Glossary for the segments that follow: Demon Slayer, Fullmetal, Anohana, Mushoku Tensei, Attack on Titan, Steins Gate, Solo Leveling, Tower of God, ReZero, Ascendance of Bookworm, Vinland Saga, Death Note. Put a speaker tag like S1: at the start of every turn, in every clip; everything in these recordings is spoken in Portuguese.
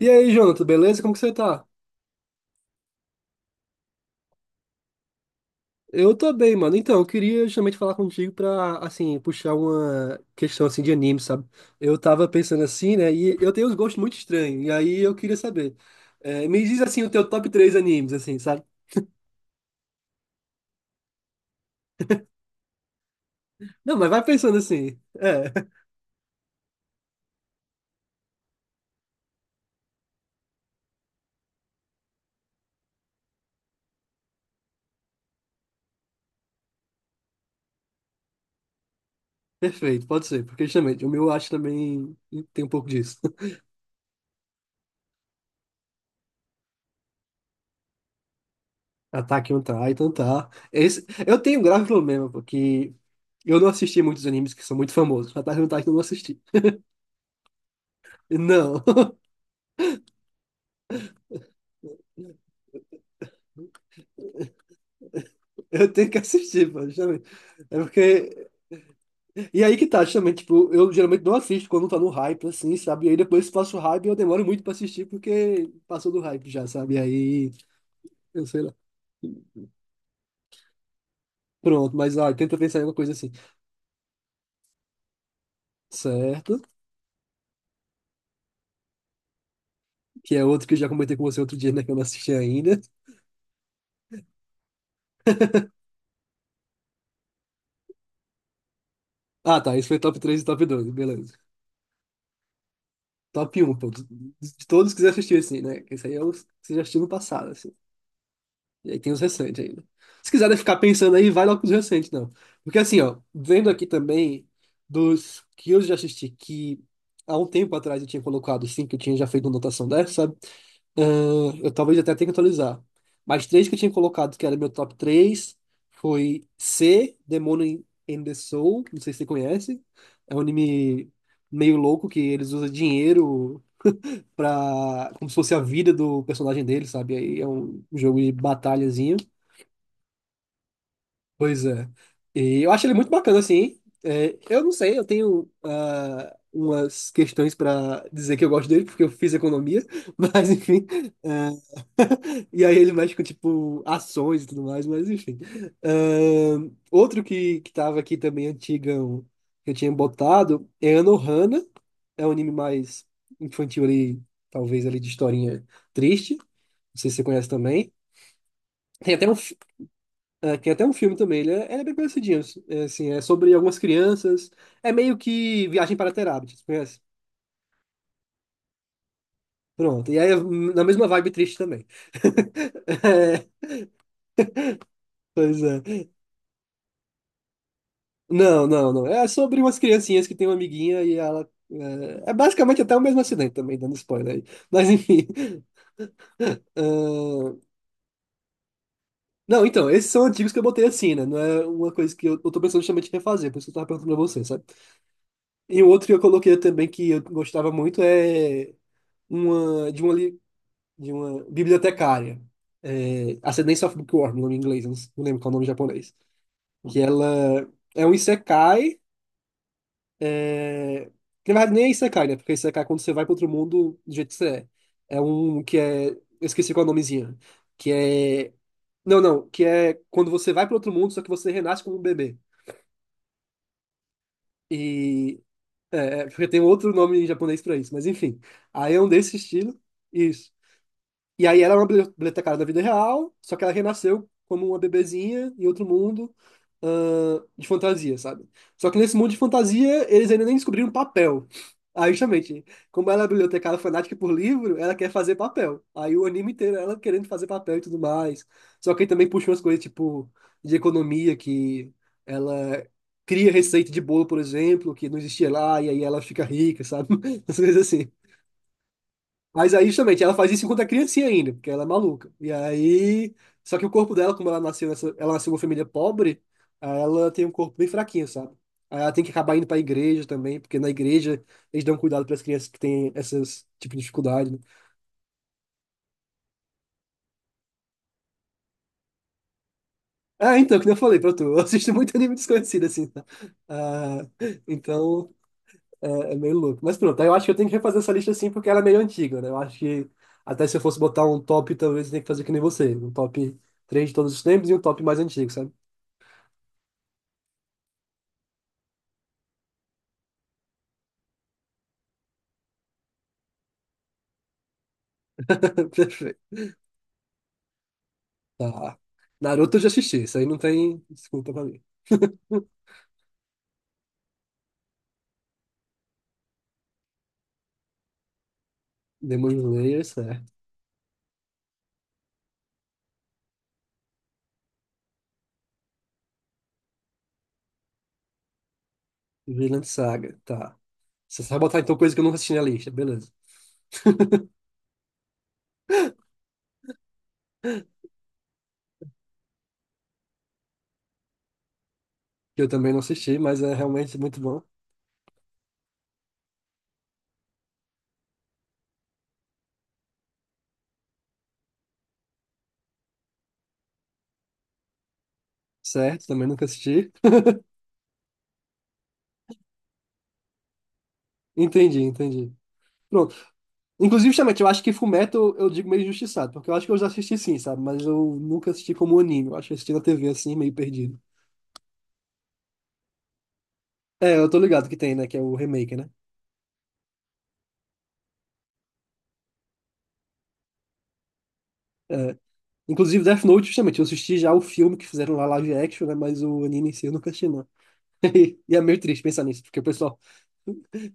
S1: E aí, Jonathan, beleza? Como que você tá? Eu tô bem, mano. Então, eu queria justamente falar contigo pra, assim, puxar uma questão, assim, de anime, sabe? Eu tava pensando assim, né? E eu tenho uns gostos muito estranhos. E aí eu queria saber. É, me diz, assim, o teu top 3 animes, assim, sabe? Não, mas vai pensando assim. É, perfeito, pode ser. Porque justamente, o meu eu acho também tem um pouco disso. Attack on Titan, tá? Esse, eu tenho um grave problema, porque eu não assisti muitos animes que são muito famosos. Attack on Titan eu não assisti. Não. Eu tenho que assistir, pô, justamente. É porque. E aí que tá, justamente, tipo, eu geralmente não assisto quando tá no hype, assim, sabe? E aí depois faço hype e eu demoro muito pra assistir porque passou do hype já, sabe? E aí, eu sei lá. Pronto, mas ó, tenta pensar em alguma coisa assim. Certo? Que é outro que eu já comentei com você outro dia, né? Que eu não assisti ainda. Ah, tá. Isso foi top 3 e top dois, beleza. Top um, pô. De todos que você assistiu, assim, né? Esse aí é o que você já assistiu no passado, assim. E aí tem os recentes ainda. Se quiser ficar pensando aí, vai logo com os recentes, não. Porque assim, ó, vendo aqui também dos que eu já assisti, que há um tempo atrás eu tinha colocado cinco que eu tinha já feito uma anotação dessa, sabe? Eu talvez até tenha que atualizar. Mas três que eu tinha colocado, que era meu top três foi C, Demon in the Soul, não sei se você conhece. É um anime meio louco que eles usam dinheiro pra, como se fosse a vida do personagem dele, sabe? Aí é um jogo de batalhazinha. Pois é. E eu acho ele muito bacana, assim. É, eu não sei, eu tenho umas questões para dizer que eu gosto dele, porque eu fiz economia, mas enfim. ah, e aí ele mexe com, tipo, ações e tudo mais, mas enfim. Ah, outro que tava aqui também, antigão, que eu tinha botado, é Anohana. É um anime mais infantil ali, talvez ali de historinha triste. Não sei se você conhece também. Tem até um tem até um filme também, ele é bem parecidinho. É, assim, é sobre algumas crianças. É meio que Viagem para Terabithia, você conhece? Pronto. E aí é na mesma vibe triste também. É, pois é. Não, não, não. É sobre umas criancinhas que tem uma amiguinha e ela. É basicamente até o mesmo acidente também, dando spoiler aí. Mas enfim. ahn, Não, então, esses são antigos que eu botei assim, né? Não é uma coisa que eu tô pensando justamente em refazer, por isso que eu tava perguntando pra você, sabe? E o outro que eu coloquei também que eu gostava muito é uma de uma bibliotecária, é, Ascendance of Bookworm, nome em inglês, eu não lembro qual é o nome em japonês. Que ela é um isekai, é, que na verdade nem é isekai, né? Porque isekai é quando você vai para outro mundo do jeito que você é. É um que é. Eu esqueci qual é o nomezinho. Que é. Não, não, que é quando você vai para outro mundo, só que você renasce como um bebê. E. É, porque tem outro nome em japonês para isso, mas enfim. Aí é um desse estilo. Isso. E aí ela é uma bibliotecária da vida real, só que ela renasceu como uma bebezinha em outro mundo, de fantasia, sabe? Só que nesse mundo de fantasia, eles ainda nem descobriram papel. Aí, justamente, como ela é bibliotecária fanática por livro, ela quer fazer papel. Aí o anime inteiro é ela querendo fazer papel e tudo mais. Só que aí também puxa umas coisas, tipo, de economia, que ela cria receita de bolo, por exemplo, que não existia lá, e aí ela fica rica, sabe? Essas coisas assim. Mas aí, justamente, ela faz isso enquanto é criancinha ainda, porque ela é maluca. E aí. Só que o corpo dela, como ela nasceu nessa, ela nasceu numa família pobre, aí ela tem um corpo bem fraquinho, sabe? Aí ela tem que acabar indo pra igreja também, porque na igreja eles dão cuidado para as crianças que têm esses tipo de dificuldade, né? Ah, então, que nem eu falei pra tu, eu assisto muito anime desconhecido, assim. Tá? Ah, então. É meio louco. Mas pronto, aí eu acho que eu tenho que refazer essa lista assim, porque ela é meio antiga, né? Eu acho que até se eu fosse botar um top, talvez eu tenha que fazer que nem você. Um top três de todos os tempos e um top mais antigo, sabe? Perfeito. Tá. Naruto eu já assisti, isso aí não tem desculpa pra mim. Demon Slayer, certo. Vinland Saga, tá. Você vai botar então coisa que eu nunca assisti na lista, beleza. Que eu também não assisti, mas é realmente muito bom. Certo, também nunca assisti. Entendi, entendi. Pronto. Inclusive, justamente, eu acho que Fullmetal eu digo meio injustiçado, porque eu acho que eu já assisti sim, sabe? Mas eu nunca assisti como anime, eu acho que eu assisti na TV assim, meio perdido. É, eu tô ligado que tem, né? Que é o remake, né? É. Inclusive, Death Note, justamente, eu assisti já o filme que fizeram lá live action, né? Mas o anime em si eu nunca assisti, não. E é meio triste pensar nisso, porque o pessoal.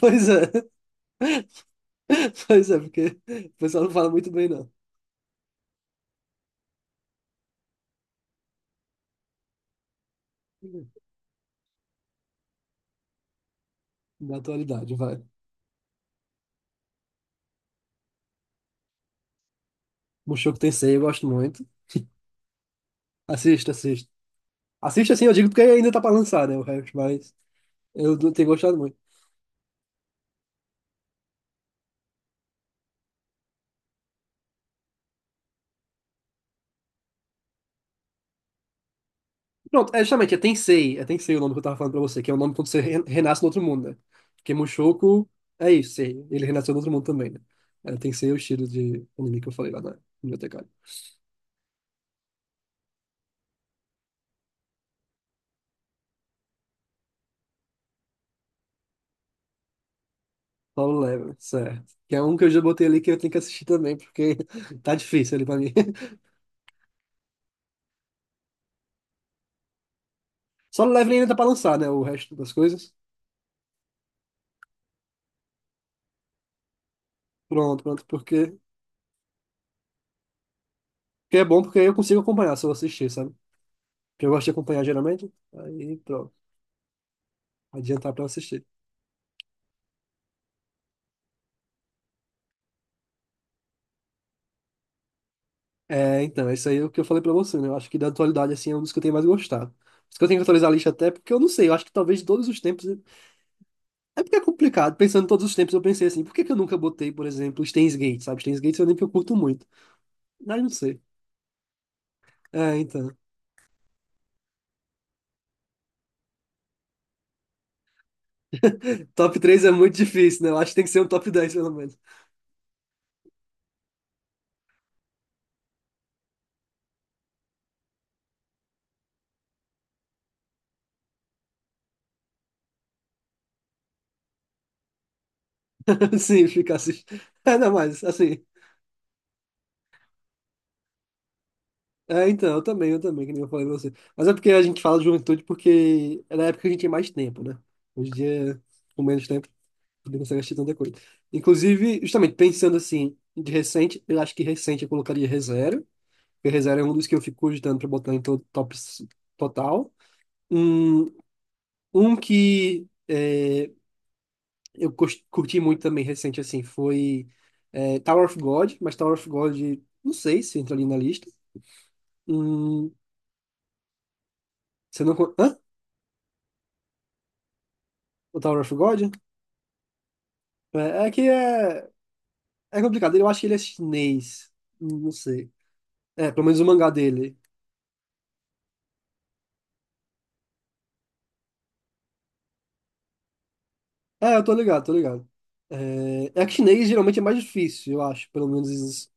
S1: Pois é, pois é, porque o pessoal não fala muito bem, não. Na atualidade, vai. Mushoku Tensei, eu gosto muito. Assista, assista. Assista assim, eu digo porque ainda tá pra lançar, né? O resto, mas eu não tenho gostado muito. Pronto, é justamente, é Tensei o nome que eu tava falando pra você, que é o nome quando você renasce no outro mundo, né? Porque Mushoku é isso, sei, ele renasceu no outro mundo também, né? É, Tensei é o estilo de anime que eu falei lá na biblioteca. Solo Leveling, certo. Que é um que eu já botei ali que eu tenho que assistir também, porque tá difícil ali pra mim. Solo Leveling ainda tá pra lançar, né, o resto das coisas. Pronto, pronto, porque... que é bom porque aí eu consigo acompanhar se eu assistir, sabe? Porque eu gosto de acompanhar geralmente, aí pronto, adiantar pra eu assistir. É, então, isso aí é o que eu falei pra você, né? Eu acho que da atualidade, assim, é um dos que eu tenho mais gostado. Por isso que eu tenho que atualizar a lista até, porque eu não sei, eu acho que talvez de todos os tempos. É porque é complicado, pensando em todos os tempos, eu pensei assim, por que que eu nunca botei, por exemplo, Steins Gate, sabe? Steins Gate é um anime que eu curto muito. Mas não sei. É, então. Top 3 é muito difícil, né? Eu acho que tem que ser um top 10 pelo menos. Sim, ficar assim. Ainda mais, assim. É, então, eu também, que nem eu falei pra você. Mas é porque a gente fala de juventude porque é na época que a gente tem mais tempo, né? Hoje em dia, com menos tempo. Poder consegue assistir tanta coisa. Inclusive, justamente pensando assim, de recente, eu acho que recente eu colocaria ReZero, porque ReZero é um dos que eu fico cogitando pra botar em todo top total. Um, um que é, eu curti muito também recente assim foi Tower of God, mas Tower of God, não sei se entra ali na lista. Hum, você não. Hã? O Tower of God? É, é que é, é complicado, eu acho que ele é chinês, não sei. É, pelo menos o mangá dele. É, eu tô ligado, tô ligado. É que chinês geralmente é mais difícil, eu acho, pelo menos isso.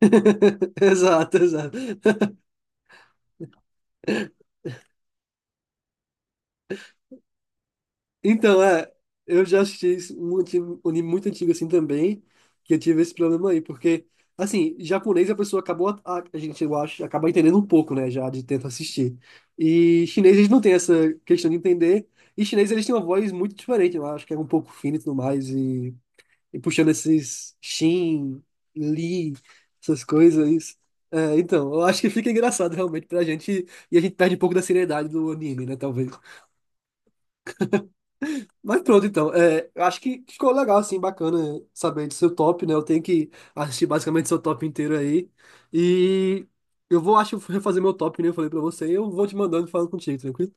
S1: Exato, exato. Então, é, eu já assisti isso, um um anime muito antigo assim também, que eu tive esse problema aí, porque, assim, japonês a pessoa acabou, a gente, eu acho, acaba entendendo um pouco, né, já de tanto assistir. E chinês eles não têm essa questão de entender, e chinês eles têm uma voz muito diferente, eu acho que é um pouco fina e tudo mais, e puxando esses Shin, Lee, essas coisas. É, então, eu acho que fica engraçado realmente pra gente, e a gente perde um pouco da seriedade do anime, né, talvez. Mas pronto, então, é, eu acho que ficou legal, assim, bacana saber do seu top, né, eu tenho que assistir basicamente seu top inteiro aí, e eu vou, acho, refazer meu top, que nem eu falei pra você, e eu vou te mandando e falando contigo, tranquilo?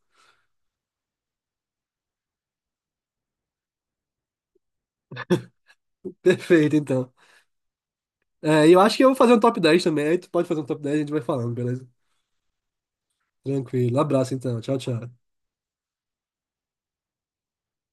S1: Perfeito, então. É, e eu acho que eu vou fazer um top 10 também, aí tu pode fazer um top 10, e a gente vai falando, beleza? Tranquilo, abraço então, tchau, tchau.